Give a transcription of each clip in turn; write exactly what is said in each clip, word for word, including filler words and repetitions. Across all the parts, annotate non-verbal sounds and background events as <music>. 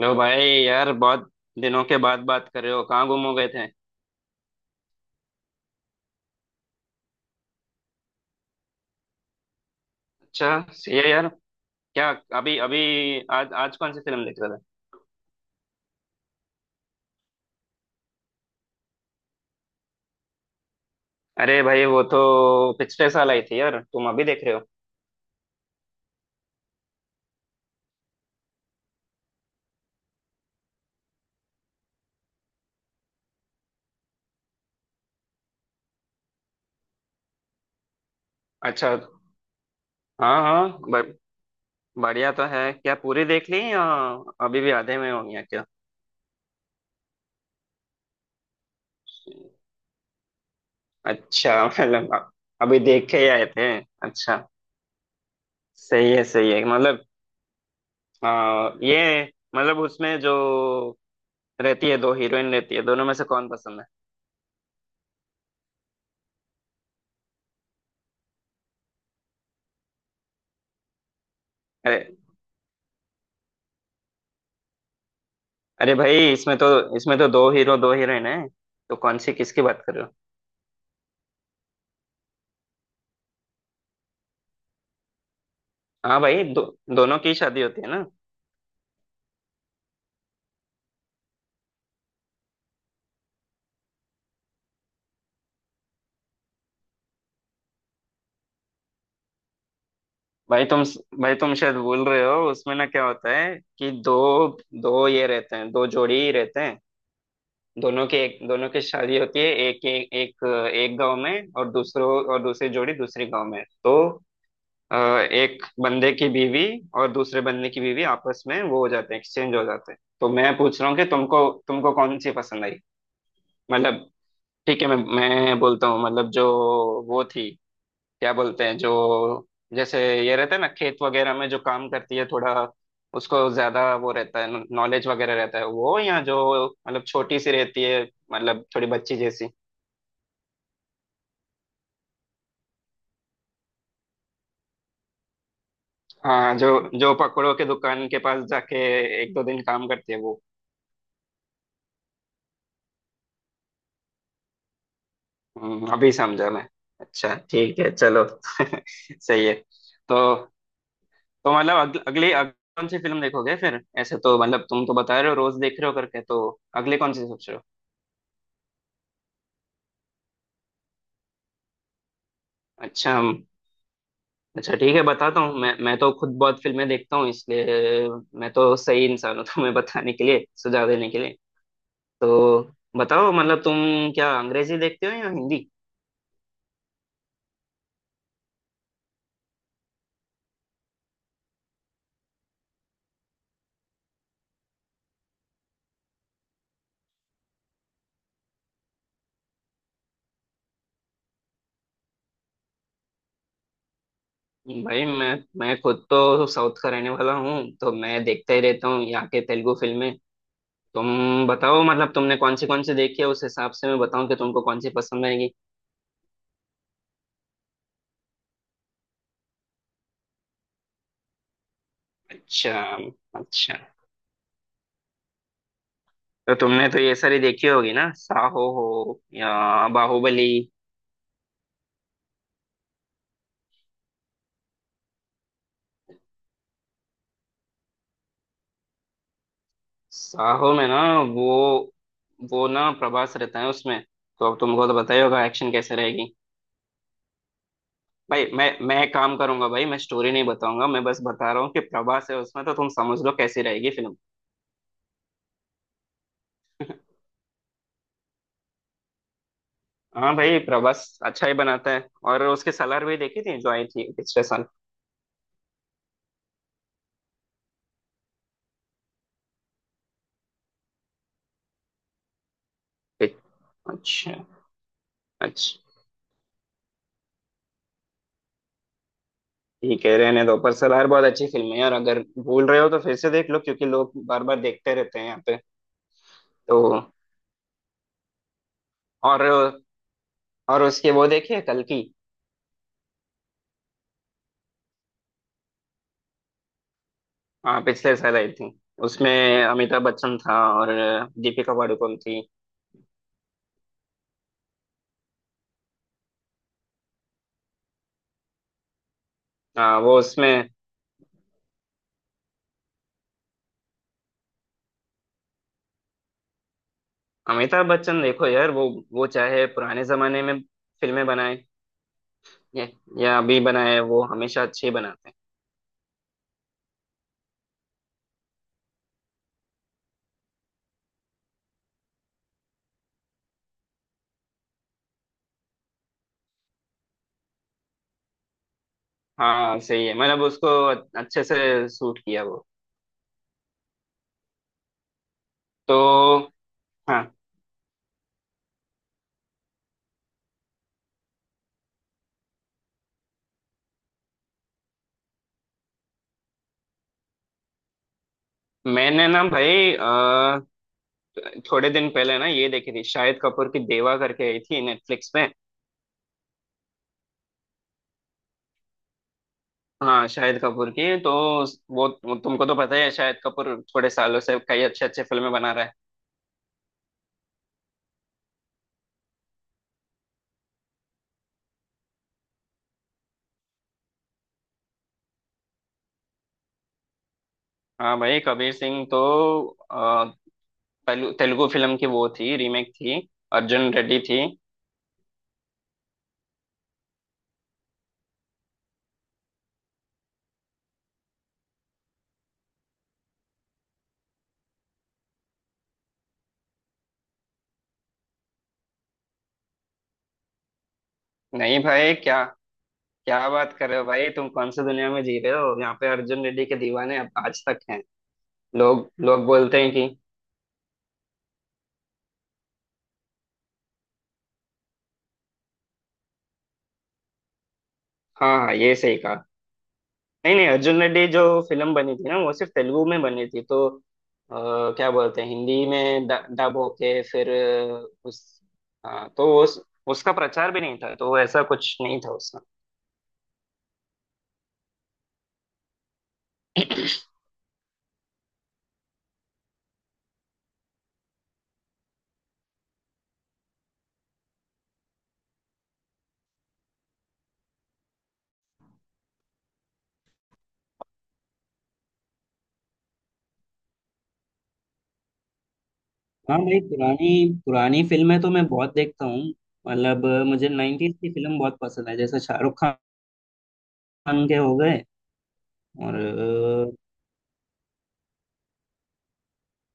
लो भाई, यार बहुत दिनों के बाद बात कर रहे हो। कहाँ गुम हो गए थे। अच्छा। सही है यार। क्या। अभी अभी आज आज कौन सी फिल्म देख रहे थे। अरे भाई, वो तो पिछले साल आई थी यार। तुम अभी देख रहे हो। अच्छा। हाँ हाँ, ब- बढ़िया तो है। क्या पूरी देख ली, या अभी भी आधे में होगी, या क्या। अच्छा। <laughs> मतलब, अ- अभी देख के ही आए थे। अच्छा। सही है, सही है। मतलब, आ, ये मतलब उसमें जो रहती है, दो हीरोइन रहती है, दोनों में से कौन पसंद है। अरे भाई, इसमें तो इसमें तो दो हीरो, दो हीरोइन है। तो कौन सी, किसकी बात कर रहे हो। हाँ भाई, दो, दोनों की शादी होती है ना। भाई तुम भाई तुम शायद भूल रहे हो। उसमें ना क्या होता है कि दो दो ये रहते हैं, दो जोड़ी ही रहते हैं। दोनों के एक, दोनों की शादी होती है। एक एक एक, एक गांव में, और दूसरों और दूसरी जोड़ी दूसरी गांव में। तो अ, एक बंदे की बीवी और दूसरे बंदे की बीवी आपस में वो हो जाते हैं, एक्सचेंज हो जाते हैं। तो मैं पूछ रहा हूँ कि तुमको तुमको कौन सी पसंद आई। मतलब ठीक है, मैं मैं बोलता हूँ। मतलब जो, वो थी, क्या बोलते हैं, जो जैसे ये रहता है ना खेत वगैरह में जो काम करती है थोड़ा, उसको ज्यादा वो रहता है, नॉलेज वगैरह रहता है वो, या जो मतलब छोटी सी रहती है, मतलब थोड़ी बच्ची जैसी। हाँ, जो जो पकौड़ों के दुकान के पास जाके एक दो दिन काम करती है वो। हम्म, अभी समझा मैं। अच्छा, ठीक है, चलो। <laughs> सही है। तो तो मतलब अग, अगली अगली कौन सी फिल्म देखोगे फिर। ऐसे तो मतलब तुम तो बता रहे हो रोज देख रहे हो करके, तो अगले कौन सी सोच रहे हो। अच्छा, हम- अच्छा ठीक है, बताता हूँ। मैं मैं तो खुद बहुत फिल्में देखता हूँ, इसलिए मैं तो सही इंसान हूँ <laughs> तुम्हें बताने के लिए, सुझाव देने के लिए। तो बताओ, मतलब तुम क्या अंग्रेजी देखते हो या हिंदी। भाई, मैं मैं खुद तो साउथ का रहने वाला हूँ, तो मैं देखता ही रहता हूँ यहाँ के तेलुगु फिल्में। तुम बताओ, मतलब तुमने कौन सी कौन सी देखी है, उस हिसाब से मैं बताऊँ कि तुमको कौन सी पसंद आएगी। अच्छा, अच्छा। तो तुमने तो ये सारी देखी होगी ना, साहो हो या बाहुबली। साहो में ना वो वो ना प्रभास रहता है उसमें, तो अब तुमको तो पता ही होगा एक्शन कैसे रहेगी। भाई मैं मैं एक काम करूंगा, भाई मैं स्टोरी नहीं बताऊंगा, मैं बस बता रहा हूँ कि प्रभास है उसमें, तो तुम समझ लो कैसी रहेगी फिल्म। हाँ भाई, प्रभास अच्छा ही बनाता है, और उसके सलार भी देखी थी जो आई थी पिछले साल। अच्छा, अच्छा, ठीक है, रहने दो। पर सलार बहुत अच्छी फिल्म है, और अगर भूल रहे हो तो फिर से देख लो, क्योंकि लोग बार बार देखते रहते हैं यहाँ पे। तो और और उसके वो देखिए, कल की। हाँ पिछले साल आई थी, उसमें अमिताभ बच्चन था और दीपिका पादुकोण थी। हाँ वो उसमें अमिताभ बच्चन देखो यार, वो वो चाहे पुराने जमाने में फिल्में बनाए या, या अभी बनाए, वो हमेशा अच्छे ही बनाते हैं। हाँ सही है, मतलब उसको अच्छे से सूट किया वो तो। हाँ, मैंने ना भाई थोड़े दिन पहले ना ये देखी थी, शाहिद कपूर की देवा करके आई थी नेटफ्लिक्स में। हाँ शाहिद कपूर की तो वो वो तुमको तो पता ही है, शाहिद कपूर थोड़े सालों से कई अच्छे अच्छे फिल्में बना रहा है। हाँ भाई, कबीर सिंह तो अ, तेलु- तेलुगु फिल्म की वो थी, रीमेक थी, अर्जुन रेड्डी थी। नहीं भाई, क्या क्या बात कर रहे हो, भाई तुम कौन सी दुनिया में जी रहे हो। यहाँ पे अर्जुन रेड्डी के दीवाने अब आज तक हैं। लोग लोग बोलते हैं कि हाँ हाँ, ये सही कहा। नहीं नहीं, अर्जुन रेड्डी जो फिल्म बनी थी ना, वो सिर्फ तेलुगु में बनी थी, तो अ, क्या बोलते हैं, हिंदी में डब होके फिर अ, उस, हाँ, तो वो उस, उसका प्रचार भी नहीं था, तो ऐसा कुछ नहीं था उसका। हाँ भाई, पुरानी पुरानी फिल्में तो मैं बहुत देखता हूँ। मतलब अ, मुझे नाइन्टीज की फिल्म बहुत पसंद है, जैसे शाहरुख खान के हो गए। और अ,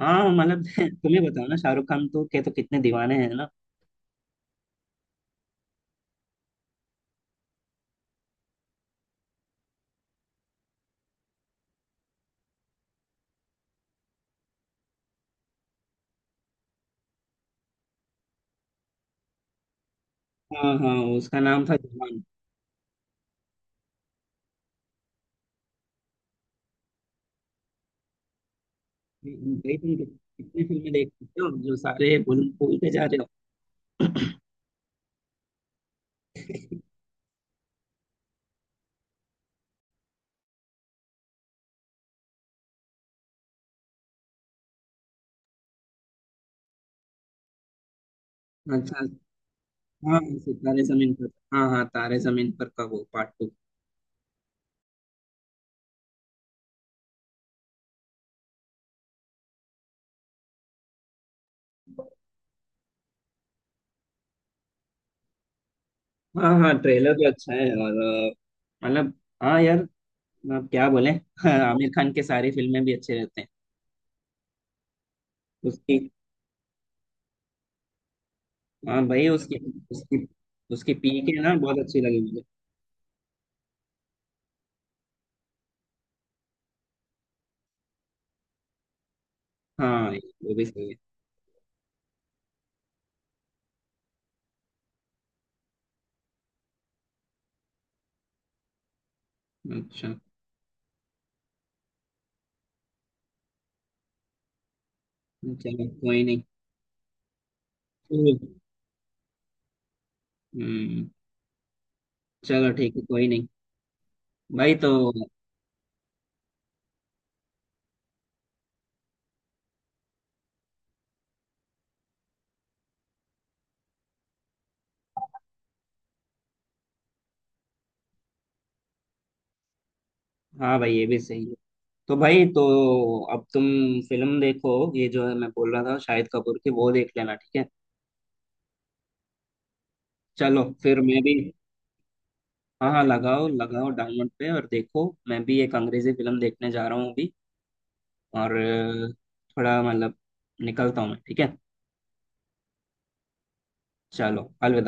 हाँ मतलब, <laughs> तुम्हें बताओ ना, शाहरुख खान तो के तो कितने दीवाने हैं ना। हाँ हाँ, उसका नाम था। भाई तुम कित- कितनी फिल्में देख सकते हो, जो सारे भूल भूलते जा रहे हो। <clears throat> अच्छा हाँ, ऐसे तारे जमीन पर। हाँ हाँ, तारे जमीन पर का वो पार्ट टू। हाँ हाँ, ट्रेलर भी अच्छा है। और अ, मतलब, हाँ यार, अब क्या बोले। <laughs> आमिर खान के सारी फिल्में भी अच्छे रहते हैं। उसकी, हाँ भाई, उसकी उसकी, उसकी पी के ना बहुत अच्छी लगी मुझे। हाँ, वो भी सही है। अच्छा, चलो कोई नहीं। हम्म, चलो ठीक है, कोई नहीं। भाई तो, हाँ भाई, ये भी सही है। तो भाई, तो अब तुम फिल्म देखो, ये जो है मैं बोल रहा था शाहिद कपूर की, वो देख लेना, ठीक है। चलो, फिर मैं भी। हाँ हाँ, लगाओ लगाओ डाउनलोड पे, और देखो, मैं भी एक अंग्रेजी फिल्म देखने जा रहा हूँ अभी। और अ, थोड़ा मतलब निकलता हूँ मैं, ठीक है। चलो, अलविदा।